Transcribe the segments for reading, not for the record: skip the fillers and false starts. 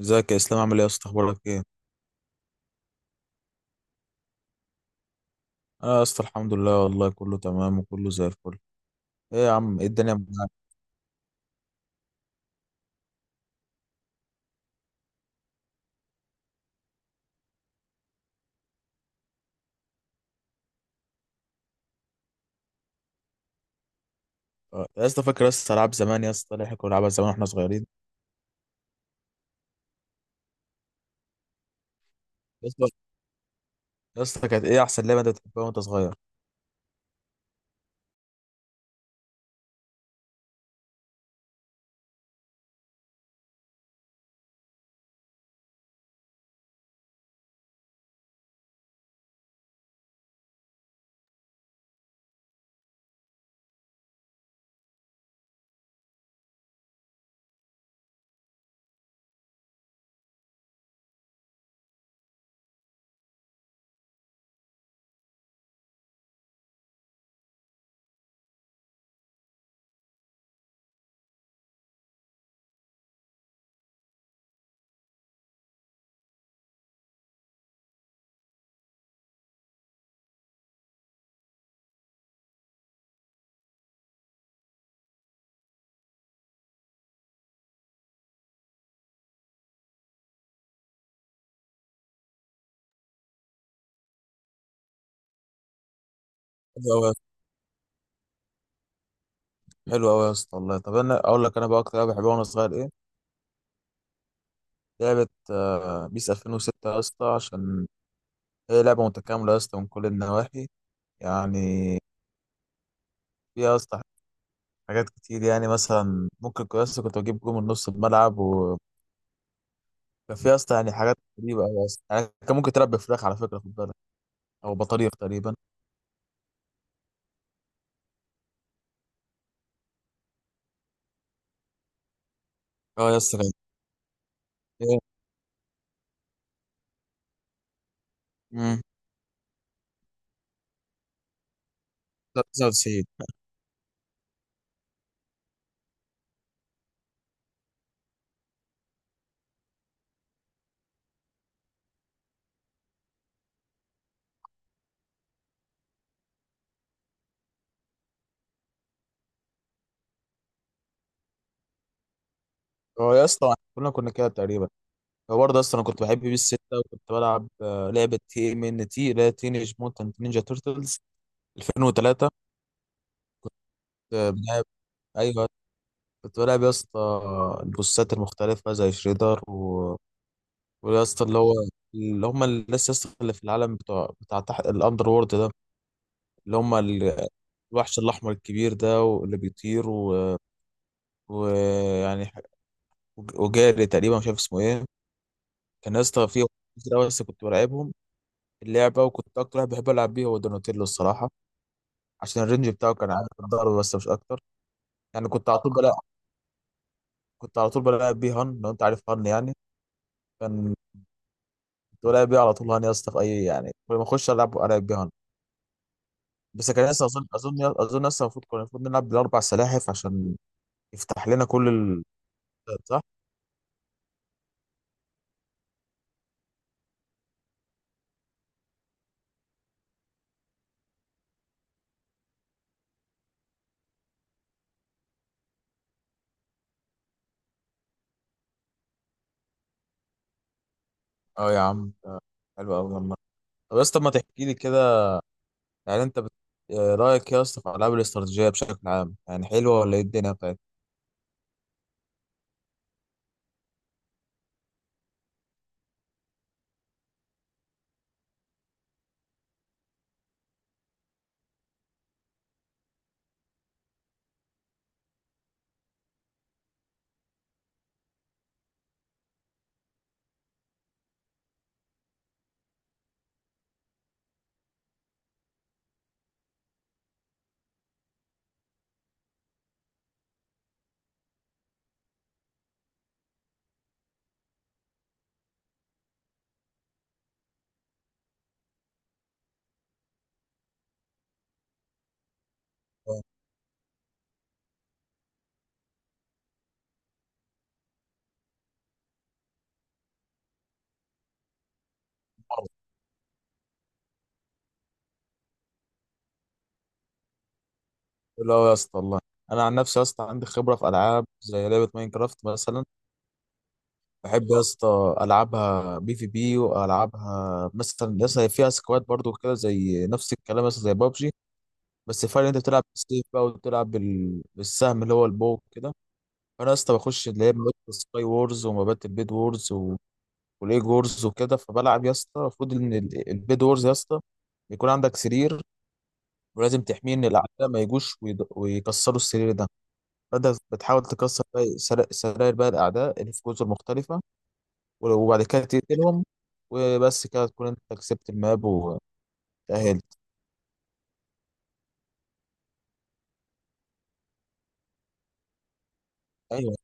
ازيك يا اسلام؟ عامل ايه يا اسطى؟ اخبارك ايه؟ انا يا اسطى الحمد لله، والله كله تمام وكله زي الفل. ايه يا عم؟ ايه الدنيا معاك؟ اه، يا اسطى فاكر يا اسطى العاب زمان يا اسطى اللي احنا كنا بنلعبها زمان واحنا صغيرين؟ يا اسطى، يا اسطى كانت ايه احسن لعبه انت بتحبها وانت صغير؟ حلو قوي. حلو قوي يا اسطى والله. طب انا اقول لك، انا بقى اكتر لعبه بحبها وانا صغير ايه؟ لعبه بيس 2006 يا اسطى، عشان هي لعبه متكامله يا اسطى من كل النواحي. يعني فيها يا اسطى حاجات كتير. يعني مثلا يا اسطى كنت بجيب جول من نص الملعب. كان في يا اسطى يعني حاجات غريبه قوي يا اسطى. يعني كان ممكن تربي فراخ، على فكره خد بالك، او بطاريق تقريبا. اه يا اسطى. كان إيه؟ امم 99. هو يا اسطى كلنا كنا كده تقريبا. هو برضه اصلا انا كنت بحب بيس 6، وكنت بلعب لعبه تي ام ان تي اللي هي تينيج موتنت نينجا تيرتلز 2003. كنت بلعب، ايوه كنت بلعب يا اسطى البوسات المختلفه زي شريدر و... ويا اسطى اللي هو اللي هم الناس يا اسطى اللي في العالم بتوع بتاع تحت الاندر وورلد ده. اللي هم ال- الوحش الأحمر الكبير ده، واللي بيطير ويعني ح- وجاري تقريبا مش عارف اسمه ايه. كان يا اسطى فيه كتير أوي، بس كنت بلعبهم اللعبة. وكنت أكتر واحد بحب ألعب بيه هو دوناتيلو الصراحة، عشان الرينج بتاعه كان عالي في الضرب، بس مش أكتر. يعني كنت على طول بلعب كنت على طول بلعب بيه هان، لو أنت عارف هان يعني. كان كنت بلعب بيه على طول هان يا اسطى في أي، يعني كل ما أخش ألعب ألعب بيه هان. بس كان لسه أظن لسه المفروض كنا المفروض نلعب بالأربع سلاحف عشان يفتح لنا كل ال... صح؟ أه يا عم، حلو قوي لما. طب يا اسطى ما تحكي لي كده، يعني انت بت... آه، رايك يا اسطى في العاب الاستراتيجيه بشكل عام؟ يعني حلوه ولا ايه الدنيا بتاعتها؟ حلوه قوي يا اسطى والله. انا عن نفسي يا اسطى عندي خبره في العاب زي لعبه ماينكرافت مثلا. بحب يا اسطى العبها بي في بي، والعبها مثلا يا اسطى فيها سكواد برضو، كده زي نفس الكلام مثلا زي بابجي. بس الفرق إن انت بتلعب بالسيف بقى، وبتلعب بالسهم اللي هو البو كده. فانا يا اسطى بخش اللي هي مبات السكاي وورز، ومبات البيد وورز، وليج وورز وكده. فبلعب يا اسطى المفروض البيد وورز يا اسطى يكون عندك سرير، ولازم تحميه ان الاعداء ما يجوش ويكسروا السرير ده. فانت بتحاول تكسر باقي سراير بقى الاعداء اللي في جزر مختلفه. وبعد كده تقتلهم، وبس كده تكون انت كسبت الماب وتأهلت. ايوه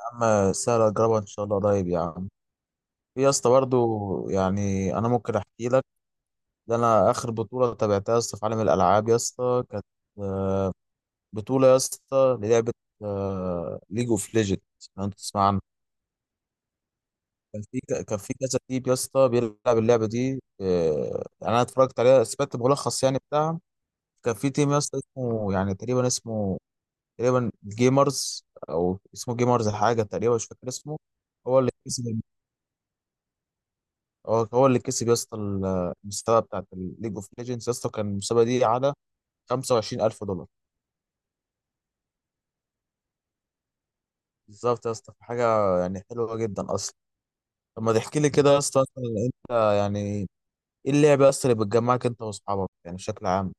يا عم، سهله اجربها ان شاء الله قريب يا عم. في يا اسطى برضه، يعني انا ممكن احكي لك، ده انا اخر بطوله تابعتها يا اسطى في عالم الالعاب يا اسطى كانت بطولة يا اسطى للعبة ليج اوف ليجند، لو انت تسمع عنها. كان في كان في كذا تيم يا اسطى بيلعب اللعبة دي. يعني انا اتفرجت عليها، سمعت ملخص يعني بتاعها. كان في تيم يا اسطى اسمه يعني تقريبا، اسمه تقريبا جيمرز او اسمه جيمرز حاجة تقريبا، مش فاكر اسمه. هو اللي كسب. هو اللي كسب يا اسطى المسابقة بتاعت الليج اوف ليجندز يا اسطى. كان المسابقة دي على $25000. بالظبط يا اسطى، حاجة يعني حلوة جدا اصلا. طب ما تحكي لي كده يا اسطى، اصلا انت يعني ايه اللعبه اصلا اللي بتجمعك انت واصحابك يعني بشكل عام؟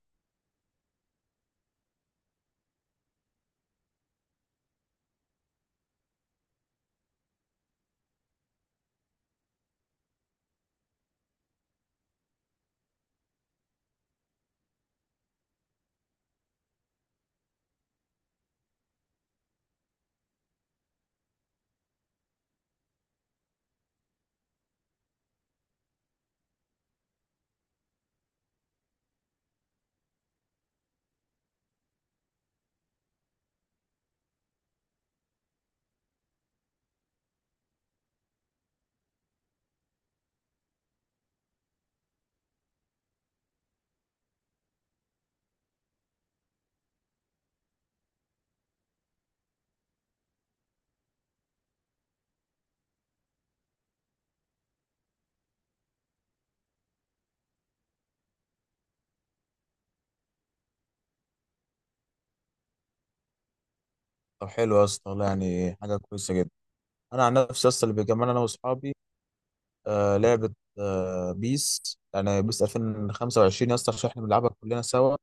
طب حلو يا اسطى والله، يعني حاجه كويسه جدا. انا عن نفسي اصلا اللي بيجمعنا انا واصحابي لعبه، بيس، يعني بيس 2025 يا اسطى، عشان احنا بنلعبها كلنا سوا.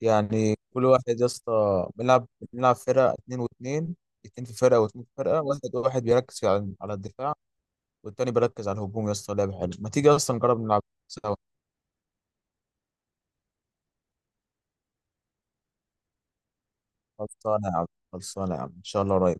يعني كل واحد يا اسطى بنلعب، بنلعب فرقه اتنين واتنين. اتنين في فرقه واتنين في فرقه. واحد بيركز على على الدفاع، والتاني بيركز على الهجوم يا اسطى. لعبه حلوه، ما تيجي اصلا نجرب نلعب سوا. خلصانه يا عم، خلصانه يا عم ان شاء الله قريب.